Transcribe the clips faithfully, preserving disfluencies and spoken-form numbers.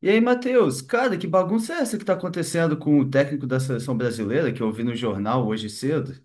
E aí, Matheus, cara, que bagunça é essa que tá acontecendo com o técnico da seleção brasileira, que eu vi no jornal hoje cedo?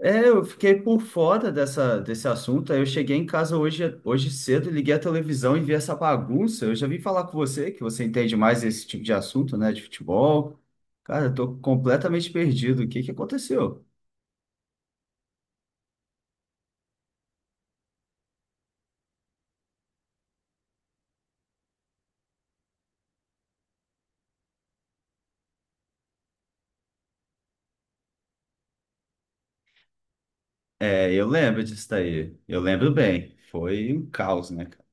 É, eu fiquei por fora dessa, desse assunto, aí eu cheguei em casa hoje, hoje cedo, liguei a televisão e vi essa bagunça. Eu já vim falar com você, que você entende mais desse tipo de assunto, né, de futebol. Cara, eu tô completamente perdido. O que que aconteceu? É, eu lembro disso daí. Eu lembro bem. Foi um caos, né, cara?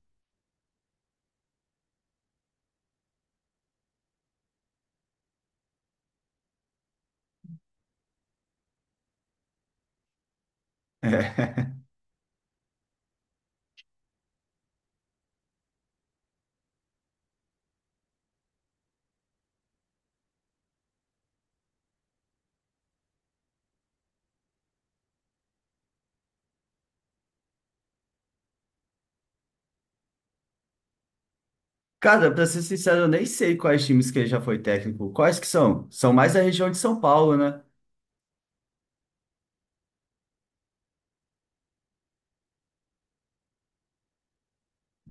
Cara, pra ser sincero, eu nem sei quais times que ele já foi técnico. Quais que são? São mais da região de São Paulo, né?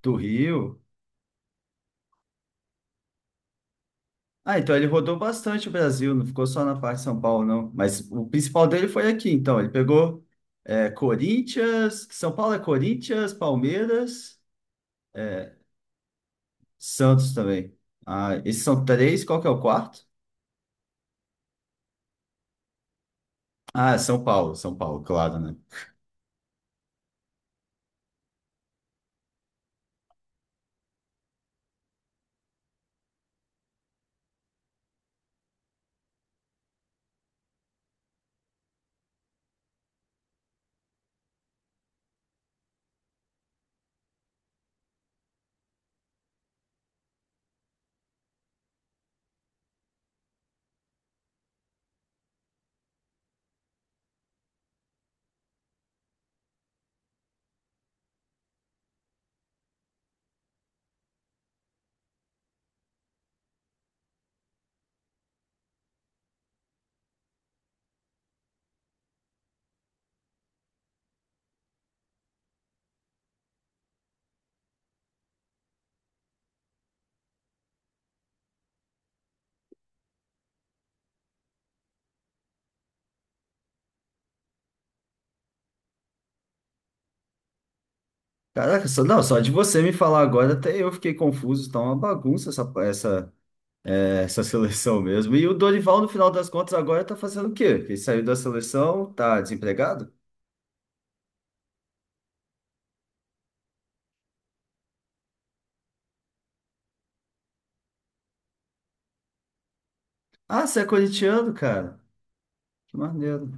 Do Rio. Ah, então ele rodou bastante o Brasil, não ficou só na parte de São Paulo, não. Mas o principal dele foi aqui, então. Ele pegou é, Corinthians, São Paulo é Corinthians, Palmeiras, é, Santos também. Ah, esses são três, qual que é o quarto? Ah, São Paulo, São Paulo, claro, né? Caraca, só, não, só de você me falar agora, até eu fiquei confuso, tá uma bagunça essa, essa essa seleção mesmo. E o Dorival, no final das contas, agora tá fazendo o quê? Ele saiu da seleção, tá desempregado? Ah, você é corintiano, cara. Que maneiro.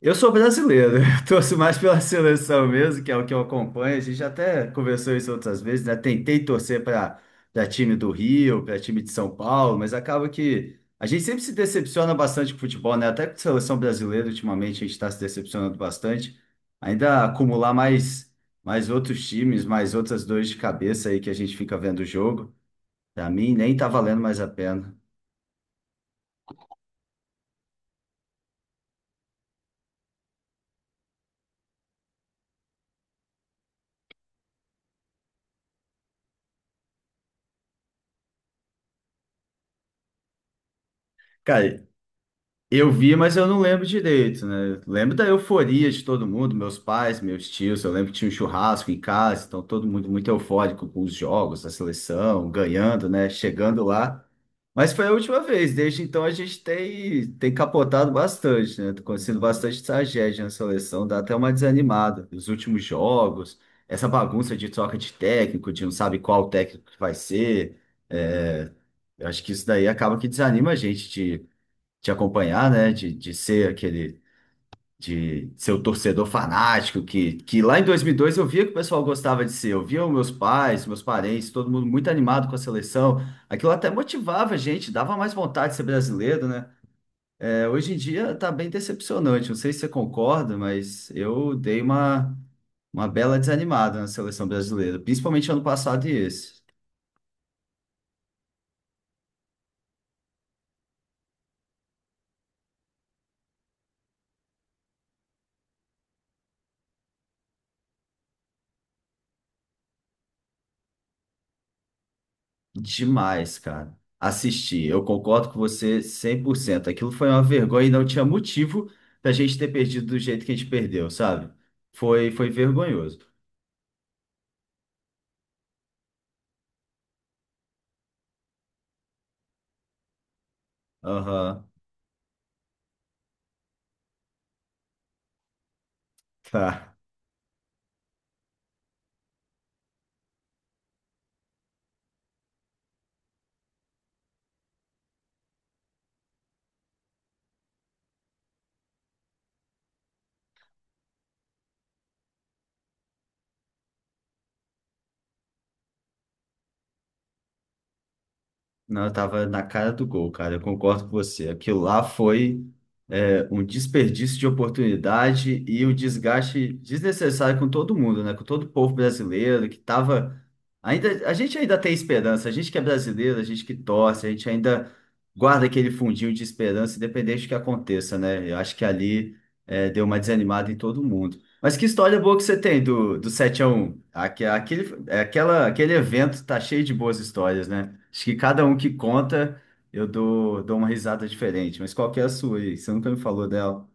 Eu sou brasileiro, eu torço mais pela seleção mesmo, que é o que eu acompanho. A gente até conversou isso outras vezes, né? Tentei torcer para para time do Rio, para time de São Paulo, mas acaba que a gente sempre se decepciona bastante com o futebol, né? Até com a seleção brasileira, ultimamente, a gente está se decepcionando bastante. Ainda acumular mais, mais outros times, mais outras dores de cabeça aí que a gente fica vendo o jogo, para mim nem tá valendo mais a pena. Cara, eu vi, mas eu não lembro direito, né? Eu lembro da euforia de todo mundo, meus pais, meus tios. Eu lembro que tinha um churrasco em casa, então todo mundo muito eufórico com os jogos, a seleção, ganhando, né? Chegando lá. Mas foi a última vez, desde então a gente tem, tem capotado bastante, né? Tá acontecendo bastante tragédia na seleção, dá até uma desanimada. Os últimos jogos, essa bagunça de troca de técnico, de não sabe qual técnico que vai ser. é, eu acho que isso daí acaba que desanima a gente te acompanhar, né? De, de ser aquele, de ser o torcedor fanático que, que lá em dois mil e dois eu via que o pessoal gostava de ser. Eu via os meus pais, meus parentes, todo mundo muito animado com a seleção. Aquilo até motivava a gente, dava mais vontade de ser brasileiro, né? É, hoje em dia tá bem decepcionante. Não sei se você concorda, mas eu dei uma, uma bela desanimada na seleção brasileira, principalmente ano passado e esse. Demais, cara. Assisti. Eu concordo com você cem por cento. Aquilo foi uma vergonha e não tinha motivo da gente ter perdido do jeito que a gente perdeu, sabe? Foi, foi vergonhoso. Aham. Tá. Não, eu tava na cara do gol, cara. Eu concordo com você. Aquilo lá foi é, um desperdício de oportunidade e o desgaste desnecessário com todo mundo, né? Com todo o povo brasileiro que tava ainda, a gente ainda tem esperança, a gente que é brasileiro, a gente que torce, a gente ainda guarda aquele fundinho de esperança, independente do que aconteça, né? Eu acho que ali é, deu uma desanimada em todo mundo. Mas que história boa que você tem do, do sete a um. Aque- Aquele, é, aquela, aquele evento tá cheio de boas histórias, né? Acho que cada um que conta eu dou, dou uma risada diferente, mas qual que é a sua aí? Você nunca me falou dela.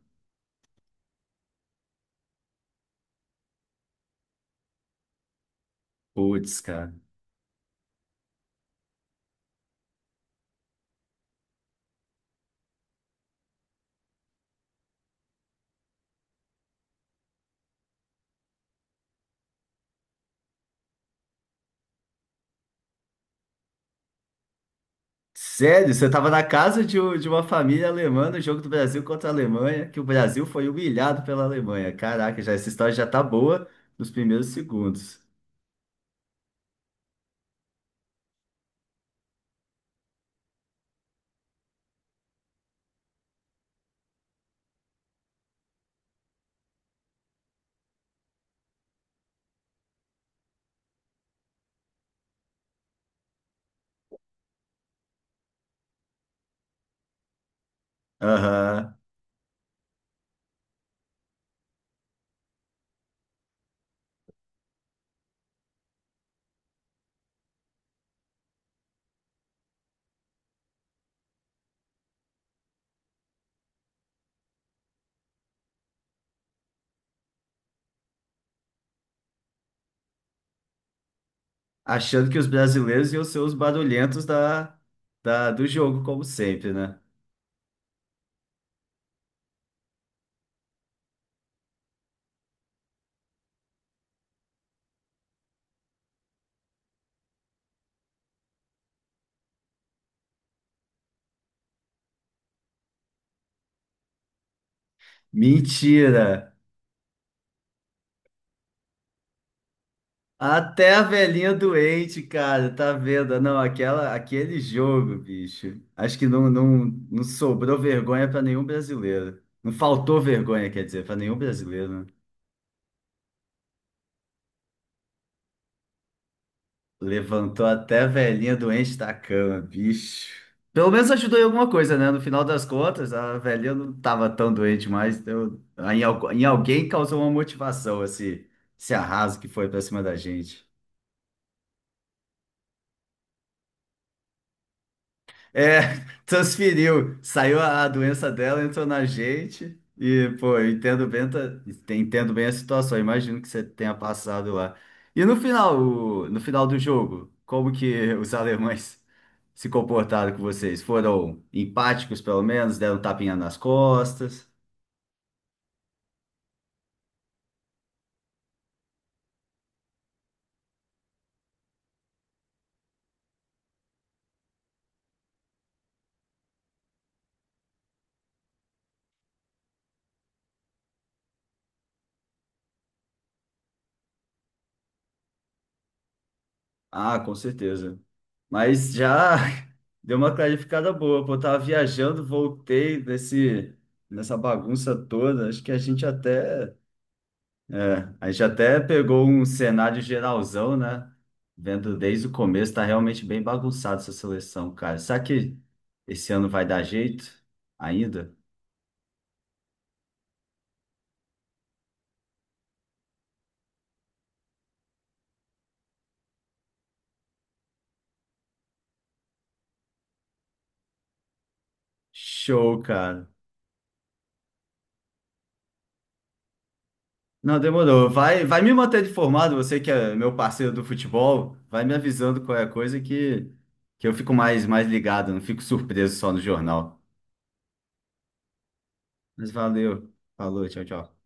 Putz, cara. Sério? Você tava na casa de, um- de uma família alemã no jogo do Brasil contra a Alemanha, que o Brasil foi humilhado pela Alemanha. Caraca, já, essa história já tá boa nos primeiros segundos. Aham. Achando que os brasileiros iam ser os barulhentos da, da, do jogo, como sempre, né? Mentira! Até a velhinha doente, cara, tá vendo? Não, aquela, aquele jogo, bicho. Acho que não, não, não sobrou vergonha pra nenhum brasileiro. Não faltou vergonha, quer dizer, pra nenhum brasileiro, né? Levantou até a velhinha doente da cama, bicho. Pelo menos ajudou em alguma coisa, né? No final das contas, a velhinha não tava tão doente mais. Então, em, algu- em alguém causou uma motivação esse, esse arraso que foi pra cima da gente. É, transferiu, saiu a a doença dela, entrou na gente. E, pô, eu entendo bem, ta- entendo bem a situação. Eu imagino que você tenha passado lá. E no final, o- no final do jogo, como que os alemães se comportaram com vocês? Foram empáticos, pelo menos, deram um tapinha nas costas? Ah, com certeza. Mas já deu uma clarificada boa, pô, eu tava viajando, voltei desse, nessa bagunça toda, acho que a gente até. É, a gente até pegou um cenário geralzão, né? Vendo desde o começo, tá realmente bem bagunçado essa seleção, cara. Será que esse ano vai dar jeito ainda? Show, cara. Não, demorou. Vai, vai me manter informado, você que é meu parceiro do futebol, vai me avisando qual é a coisa que, que eu fico mais, mais ligado, não fico surpreso só no jornal. Mas valeu. Falou, tchau, tchau.